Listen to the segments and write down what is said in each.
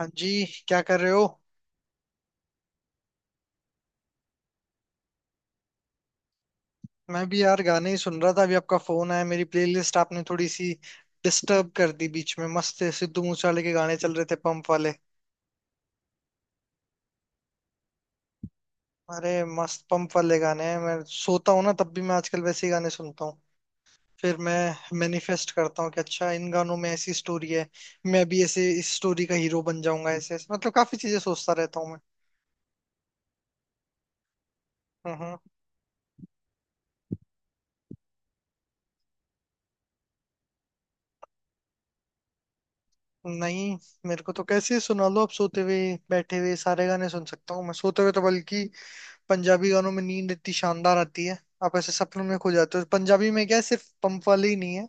हाँ जी, क्या कर रहे हो। मैं भी यार गाने ही सुन रहा था, अभी आपका फोन आया, मेरी प्लेलिस्ट आपने थोड़ी सी डिस्टर्ब कर दी बीच में। मस्त सिद्धू मूसेवाले के गाने चल रहे थे, पंप वाले। अरे मस्त पंप वाले गाने हैं, मैं सोता हूँ ना तब भी मैं आजकल वैसे ही गाने सुनता हूँ। फिर मैं मैनिफेस्ट करता हूँ कि अच्छा, इन गानों में ऐसी स्टोरी है, मैं भी ऐसे इस स्टोरी का हीरो बन जाऊंगा। ऐसे ऐसे मतलब काफी चीजें सोचता रहता हूँ मैं। हम्म। नहीं, मेरे को तो कैसे सुना लो, आप सोते हुए बैठे हुए सारे गाने सुन सकता हूँ मैं, सोते हुए तो बल्कि पंजाबी गानों में नींद इतनी शानदार आती है। आप ऐसे सपनों में खो जाते हो। पंजाबी में क्या है, सिर्फ पंप वाले ही नहीं है,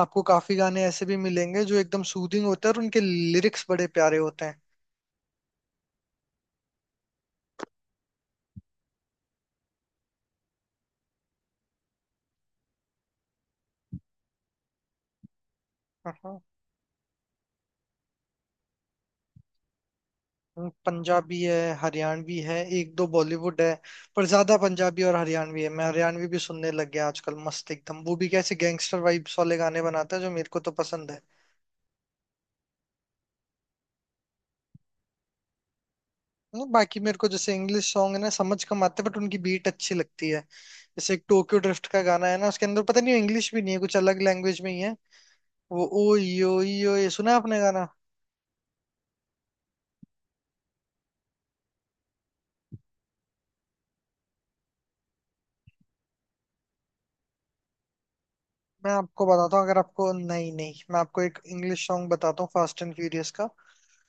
आपको काफी गाने ऐसे भी मिलेंगे जो एकदम सूदिंग होते हैं, और उनके लिरिक्स बड़े प्यारे होते हैं। हाँ, पंजाबी है, हरियाणवी है, एक दो बॉलीवुड है, पर ज्यादा पंजाबी और हरियाणवी है। मैं हरियाणवी भी सुनने लग गया आजकल, मस्त एकदम। वो भी कैसे गैंगस्टर वाइब्स वाले गाने बनाता है, जो मेरे को तो पसंद है। नहीं, बाकी मेरे को जैसे इंग्लिश सॉन्ग है ना, समझ कम आते, बट उनकी बीट अच्छी लगती है। जैसे एक टोक्यो ड्रिफ्ट का गाना है ना, उसके अंदर पता नहीं, इंग्लिश भी नहीं है, कुछ अलग लैंग्वेज में ही है वो। ओ यो यो, ये सुना है आपने गाना? मैं आपको बताता हूँ, अगर आपको नहीं, नहीं मैं आपको एक इंग्लिश सॉन्ग बताता हूँ, फास्ट एंड फ्यूरियस का,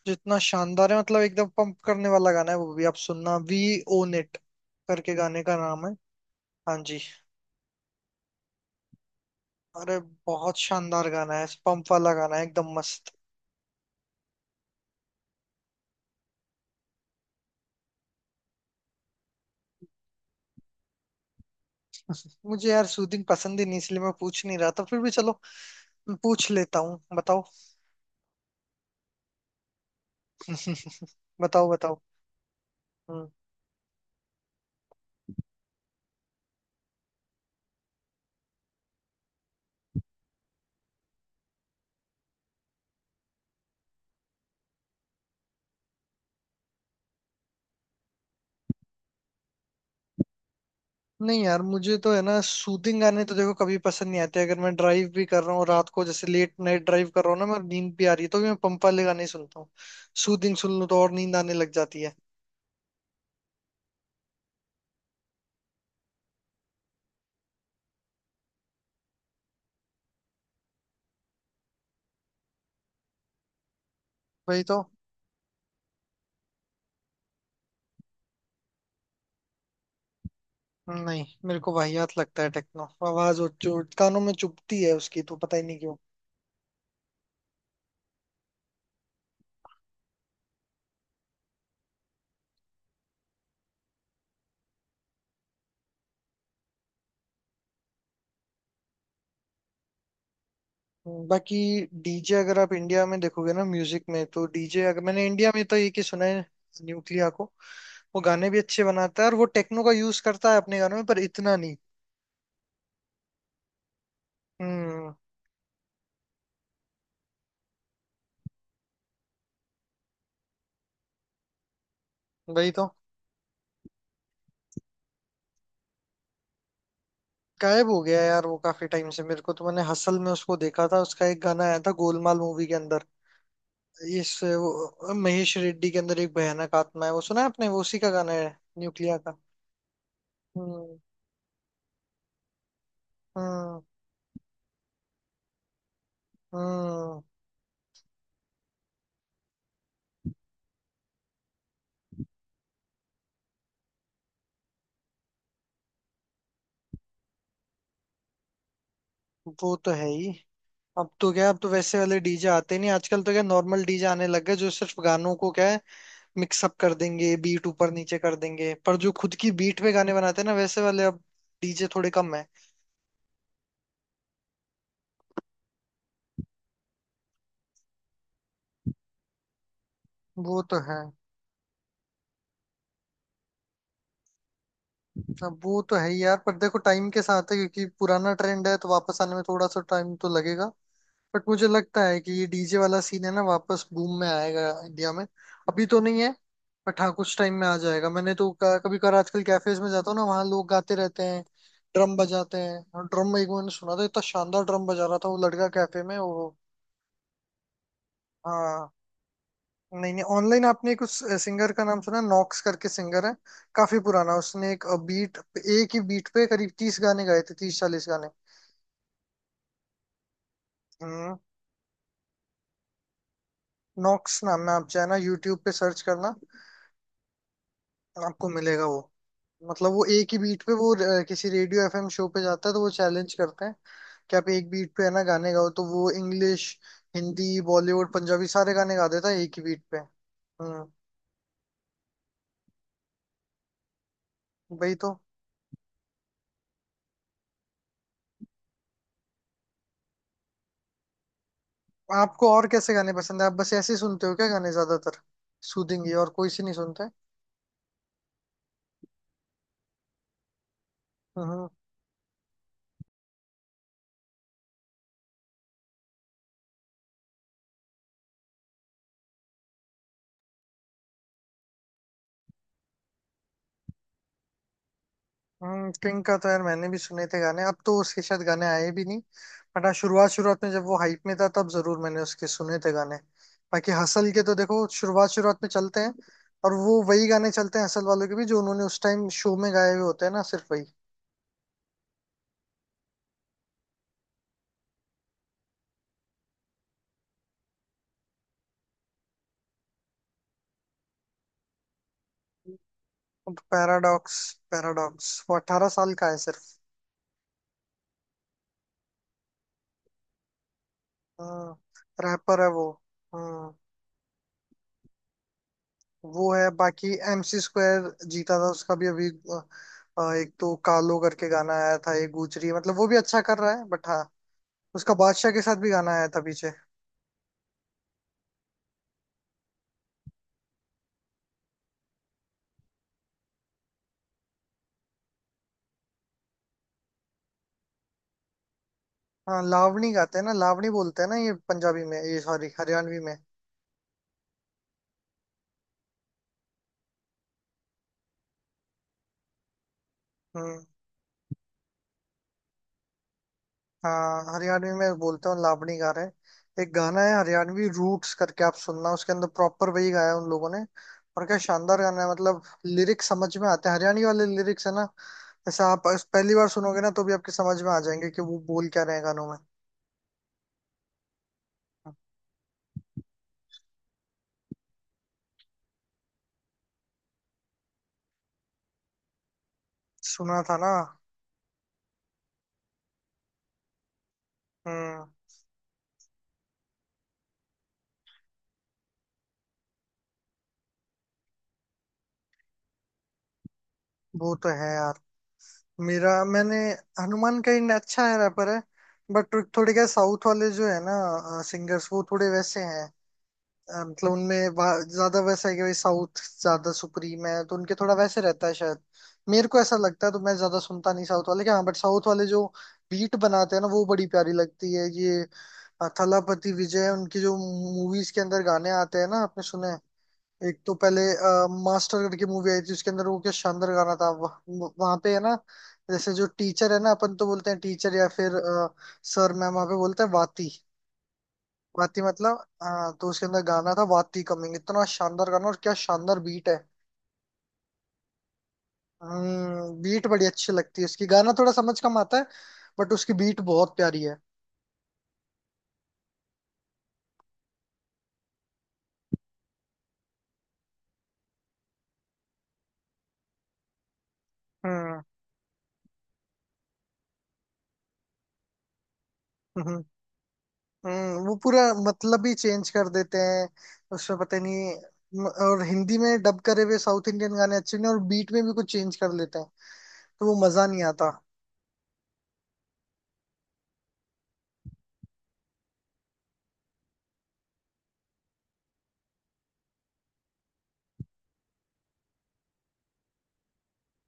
जो इतना शानदार है। मतलब एकदम पंप करने वाला गाना है, वो भी आप सुनना। वी ओन इट करके गाने का नाम है। हाँ जी। अरे बहुत शानदार गाना है, पंप वाला गाना है, एकदम मस्त। मुझे यार सूदिंग पसंद ही नहीं, इसलिए मैं पूछ नहीं रहा था। फिर भी चलो पूछ लेता हूँ, बताओ। बताओ बताओ। हम्म। नहीं यार मुझे तो है ना, सूदिंग गाने तो देखो कभी पसंद नहीं आते। अगर मैं ड्राइव भी कर रहा हूँ रात को, जैसे लेट नाइट ड्राइव कर रहा हूँ ना, मैं नींद भी आ रही है तो भी मैं पंप वाले गाने सुनता हूँ। सूदिंग सुन लूँ तो और नींद आने लग जाती है। वही तो। नहीं मेरे को वाहियात लगता है टेक्नो, आवाज और जो कानों में चुभती है उसकी, तो पता ही नहीं क्यों। बाकी डीजे अगर आप इंडिया में देखोगे ना म्यूजिक में, तो डीजे अगर मैंने इंडिया में तो एक ही सुना है, न्यूक्लिया को। वो गाने भी अच्छे बनाता है, और वो टेक्नो का यूज करता है अपने गानों में, पर इतना नहीं। हम्म। वही तो। गायब हो गया यार वो काफी टाइम से। मेरे को तो मैंने हसल में उसको देखा था, उसका एक गाना आया था गोलमाल मूवी के अंदर। महेश रेड्डी के अंदर एक भयानक आत्मा है, वो सुना है आपने? वो उसी का गाना है, न्यूक्लिया का। हम्म। हम्म। हम्म। वो तो है ही। अब तो क्या, अब तो वैसे वाले डीजे आते नहीं आजकल। तो क्या नॉर्मल डीजे आने लग गए, जो सिर्फ गानों को क्या है, मिक्सअप कर देंगे, बीट ऊपर नीचे कर देंगे। पर जो खुद की बीट पे गाने बनाते हैं ना, वैसे वाले अब डीजे थोड़े कम है। वो तो है। अब वो तो है ही यार, पर देखो टाइम के साथ है, क्योंकि पुराना ट्रेंड है, तो वापस आने में थोड़ा सा टाइम तो लगेगा। बट मुझे लगता है कि ये डीजे वाला सीन है ना, वापस बूम में आएगा इंडिया में। अभी तो नहीं है, बट हाँ कुछ टाइम में आ जाएगा। मैंने तो कभी कभार आजकल कैफेज में जाता हूँ ना, वहाँ लोग गाते रहते हैं, ड्रम बजाते हैं। और ड्रम एक मैंने सुना था, इतना शानदार ड्रम बजा रहा था वो लड़का कैफे में वो। हाँ, नहीं नहीं, ऑनलाइन आपने एक उस सिंगर का नाम सुना, नॉक्स करके सिंगर है, काफी पुराना। उसने एक बीट, एक ही बीट पे करीब 30 गाने गाए थे, 30-40 गाने। हम्म। नॉक्स नाम है, आप चाहे ना यूट्यूब पे सर्च करना, आपको मिलेगा वो। मतलब वो एक ही बीट पे वो किसी रेडियो एफएम शो पे जाता है, तो वो चैलेंज करते हैं कि आप एक बीट पे है ना गाने गाओ, तो वो इंग्लिश, हिंदी, बॉलीवुड, पंजाबी सारे गाने गा देता है एक ही बीट पे। हम्म। वही तो। आपको और कैसे गाने पसंद है? आप बस ऐसे ही सुनते हो क्या गाने ज्यादातर, सूदिंग, और कोई से नहीं सुनते? हम्म। हम्म, किंग का तो यार मैंने भी सुने थे गाने। अब तो उसके शायद गाने आए भी नहीं, बट हाँ शुरुआत शुरुआत में जब वो हाइप में था, तब जरूर मैंने उसके सुने थे गाने। बाकी हसल के तो देखो शुरुआत शुरुआत में चलते हैं, और वो वही गाने चलते हैं हसल वालों के भी, जो उन्होंने उस टाइम शो में गाए हुए होते हैं ना, सिर्फ वही। पैराडॉक्स, पैराडॉक्स वो 18 साल का है सिर्फ। हाँ, रैपर है वो। हम्म। वो है, बाकी एमसी स्क्वायर जीता था उसका भी अभी। एक तो कालो करके गाना आया था, एक गुजरी, मतलब वो भी अच्छा कर रहा है, बट हाँ उसका बादशाह के साथ भी गाना आया था पीछे। हाँ लावणी गाते हैं ना, लावणी बोलते हैं ना, ये पंजाबी में, ये सॉरी हरियाणवी में। हम्म। हाँ हरियाणवी में बोलते हैं, लावणी गा रहे हैं। एक गाना है हरियाणवी रूट्स करके, आप सुनना, उसके अंदर प्रॉपर वही गाया है उन लोगों ने। और क्या शानदार गाना है, मतलब लिरिक्स समझ में आते हैं, हरियाणवी वाले लिरिक्स है ना, जैसे आप पहली बार सुनोगे ना तो भी आपके समझ में आ जाएंगे कि वो बोल क्या रहे हैं गानों में। सुना था ना। हम्म। वो तो है यार। मेरा मैंने हनुमान कहीं अच्छा है, रैपर है, बट थोड़े क्या, साउथ वाले जो है ना सिंगर्स, वो थोड़े वैसे हैं। मतलब उनमें ज्यादा वैसा है कि भाई साउथ ज्यादा सुप्रीम है, तो उनके थोड़ा वैसे रहता है शायद। मेरे को ऐसा लगता है, तो मैं ज्यादा सुनता नहीं साउथ वाले के। हाँ बट साउथ वाले जो बीट बनाते हैं ना, वो बड़ी प्यारी लगती है। ये थलापति विजय, उनकी जो मूवीज के अंदर गाने आते हैं ना, आपने सुने हैं? एक तो पहले मास्टर करके मूवी आई थी, उसके अंदर वो क्या शानदार गाना था वहां पे है ना जैसे जो टीचर है ना, अपन तो बोलते हैं टीचर या फिर सर मैम, वहां पे बोलते हैं वाती। वाती मतलब, हाँ, तो उसके अंदर गाना था वाती कमिंग, इतना शानदार गाना, और क्या शानदार बीट है। हम्म, बीट बड़ी अच्छी लगती है उसकी, गाना थोड़ा समझ कम आता है, बट उसकी बीट बहुत प्यारी है। हम्म। हम्म। वो पूरा मतलब ही चेंज कर देते हैं, उसमें पता नहीं। और हिंदी में डब करे हुए साउथ इंडियन गाने अच्छे नहीं, और बीट में भी कुछ चेंज कर लेते हैं, तो वो मजा नहीं आता।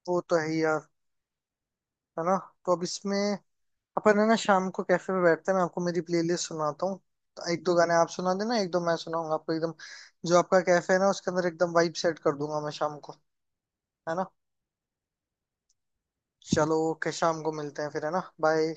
वो तो है ही यार, है ना। तो अब इसमें अपन है ना शाम को कैफे पे बैठते हैं, मैं आपको मेरी प्लेलिस्ट सुनाता हूँ। तो एक दो गाने आप सुना देना, एक दो मैं सुनाऊंगा आपको एकदम। जो आपका कैफे है ना, उसके अंदर एकदम वाइब सेट कर दूंगा मैं शाम को, है ना। चलो ओके, शाम को मिलते हैं फिर, है ना, बाय।